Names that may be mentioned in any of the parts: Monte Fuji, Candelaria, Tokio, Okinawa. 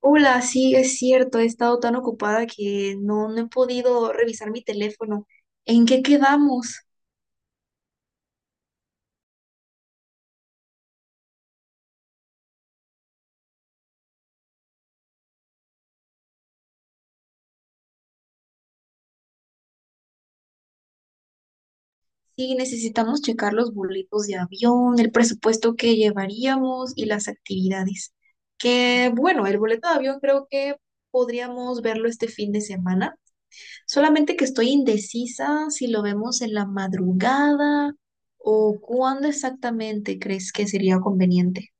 Hola, sí, es cierto, he estado tan ocupada que no he podido revisar mi teléfono. ¿En qué quedamos? Sí, necesitamos checar los boletos de avión, el presupuesto que llevaríamos y las actividades. Que bueno, el boleto de avión creo que podríamos verlo este fin de semana, solamente que estoy indecisa si lo vemos en la madrugada o cuándo exactamente crees que sería conveniente.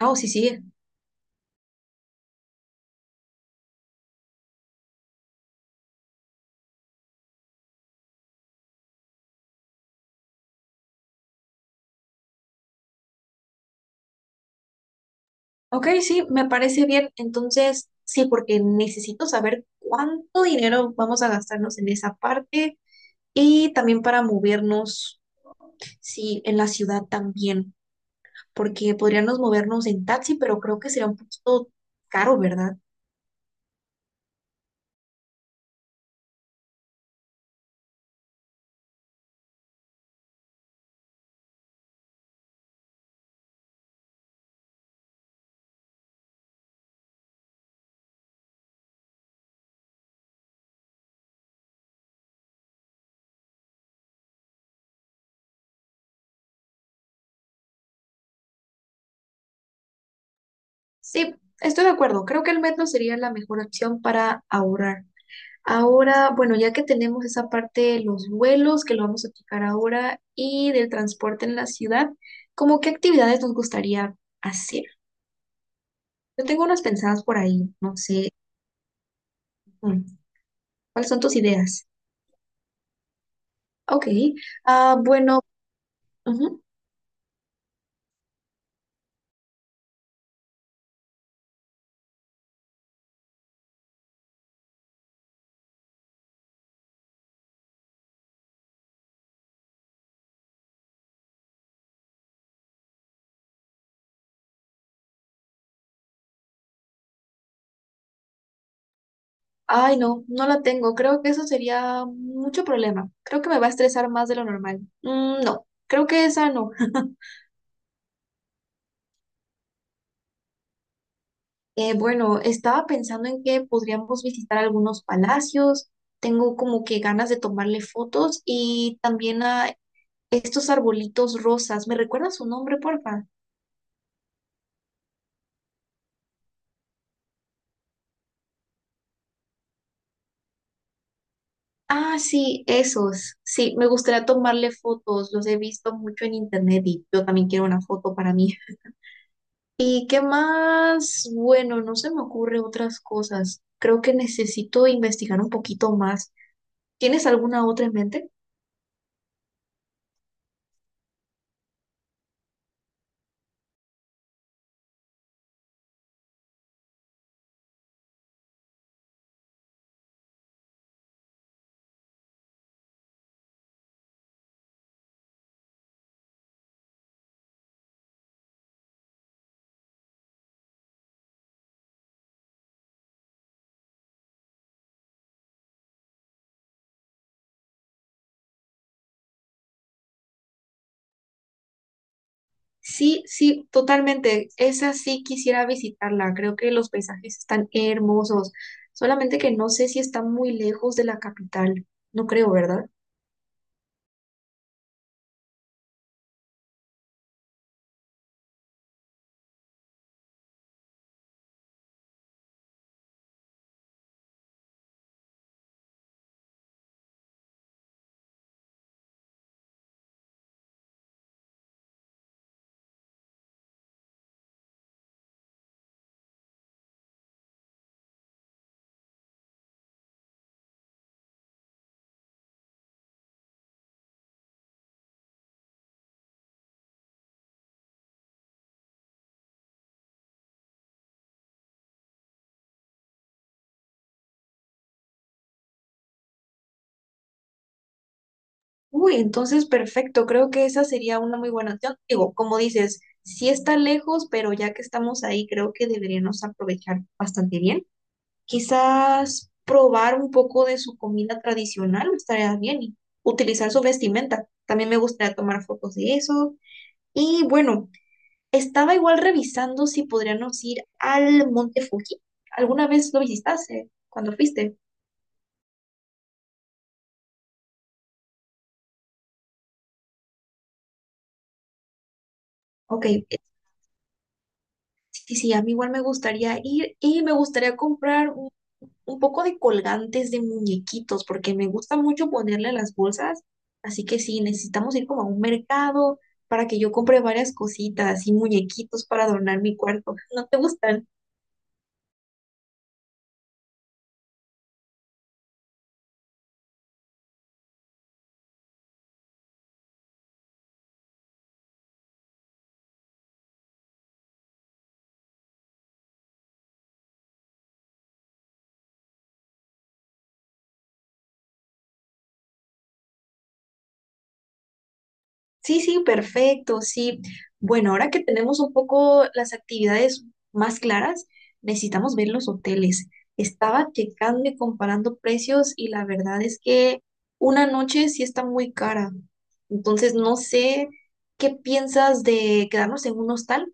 Ah, o sí, sí. Ok, sí, me parece bien. Entonces, sí, porque necesito saber cuánto dinero vamos a gastarnos en esa parte y también para movernos, sí, en la ciudad también, porque podríamos movernos en taxi, pero creo que sería un poquito caro, ¿verdad? Sí, estoy de acuerdo. Creo que el metro sería la mejor opción para ahorrar. Ahora, bueno, ya que tenemos esa parte de los vuelos, que lo vamos a checar ahora, y del transporte en la ciudad, ¿cómo qué actividades nos gustaría hacer? Yo tengo unas pensadas por ahí, no sé. mm, ¿Cuáles son tus ideas? Ok. Ah, bueno. Ujú. Ay, no, no la tengo. Creo que eso sería mucho problema. Creo que me va a estresar más de lo normal. Mm, no, creo que esa no. Bueno, estaba pensando en que podríamos visitar algunos palacios. Tengo como que ganas de tomarle fotos y también a estos arbolitos rosas. ¿Me recuerdas su nombre, porfa? Ah, sí, esos. Sí, me gustaría tomarle fotos. Los he visto mucho en internet y yo también quiero una foto para mí. ¿Y qué más? Bueno, no se me ocurre otras cosas. Creo que necesito investigar un poquito más. ¿Tienes alguna otra en mente? Sí, sí, totalmente. Esa sí quisiera visitarla. Creo que los paisajes están hermosos. Solamente que no sé si está muy lejos de la capital. No creo, ¿verdad? Uy, entonces perfecto, creo que esa sería una muy buena opción. Digo, como dices, sí está lejos, pero ya que estamos ahí, creo que deberíamos aprovechar bastante bien. Quizás probar un poco de su comida tradicional estaría bien y utilizar su vestimenta. También me gustaría tomar fotos de eso. Y bueno, estaba igual revisando si podríamos ir al Monte Fuji. ¿Alguna vez lo visitaste cuando fuiste? Ok, sí, sí, a mí igual me gustaría ir y me gustaría comprar un poco de colgantes de muñequitos, porque me gusta mucho ponerle a las bolsas. Así que sí, necesitamos ir como a un mercado para que yo compre varias cositas y muñequitos para adornar mi cuarto. ¿No te gustan? Sí, sí, perfecto, sí. Bueno, ahora que tenemos un poco las actividades más claras, necesitamos ver los hoteles. Estaba checando y comparando precios y la verdad es que una noche sí está muy cara. Entonces, no sé qué piensas de quedarnos en un hostal.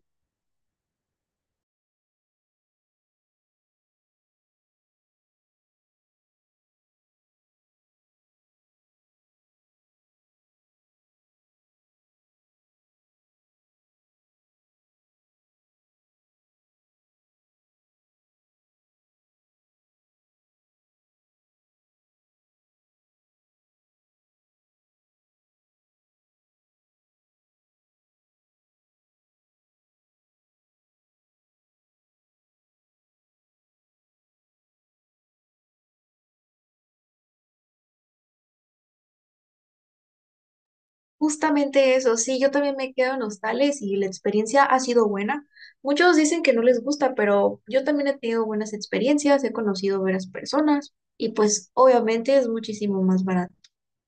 Justamente eso, sí, yo también me quedo en hostales y la experiencia ha sido buena. Muchos dicen que no les gusta, pero yo también he tenido buenas experiencias, he conocido varias personas y pues obviamente es muchísimo más barato.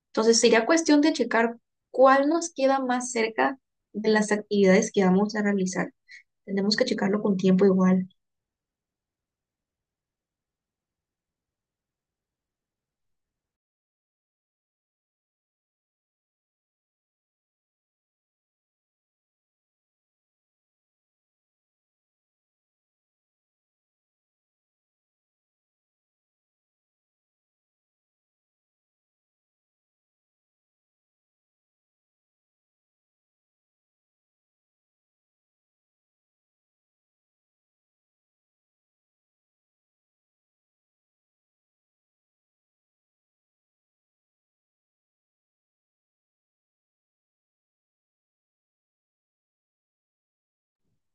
Entonces sería cuestión de checar cuál nos queda más cerca de las actividades que vamos a realizar. Tenemos que checarlo con tiempo igual.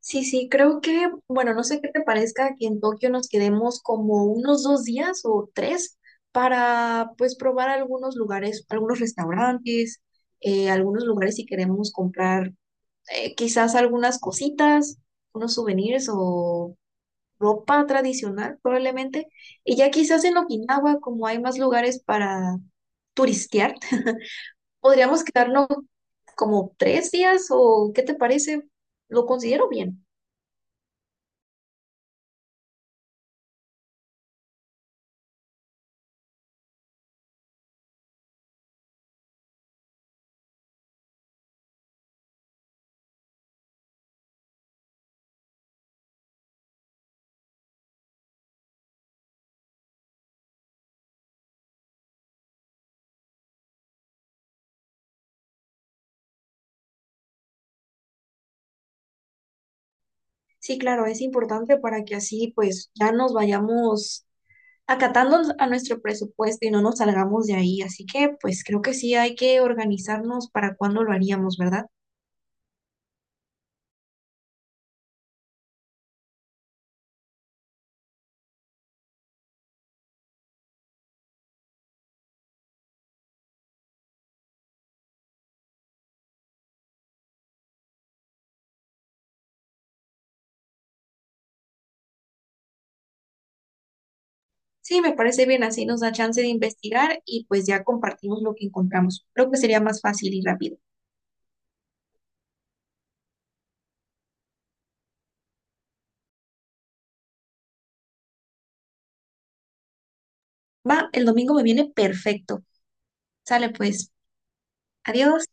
Sí, sí, creo que, bueno, no sé qué te parezca que en Tokio nos quedemos como unos 2 días o tres para pues probar algunos lugares, algunos restaurantes, algunos lugares si queremos comprar quizás algunas cositas, unos souvenirs o ropa tradicional probablemente. Y ya quizás en Okinawa, como hay más lugares para turistear, podríamos quedarnos como 3 días o ¿qué te parece? Lo considero bien. Sí, claro, es importante para que así pues ya nos vayamos acatando a nuestro presupuesto y no nos salgamos de ahí. Así que pues creo que sí hay que organizarnos para cuándo lo haríamos, ¿verdad? Sí, me parece bien, así nos da chance de investigar y pues ya compartimos lo que encontramos. Creo que sería más fácil y rápido. Va, el domingo me viene perfecto. Sale pues, adiós.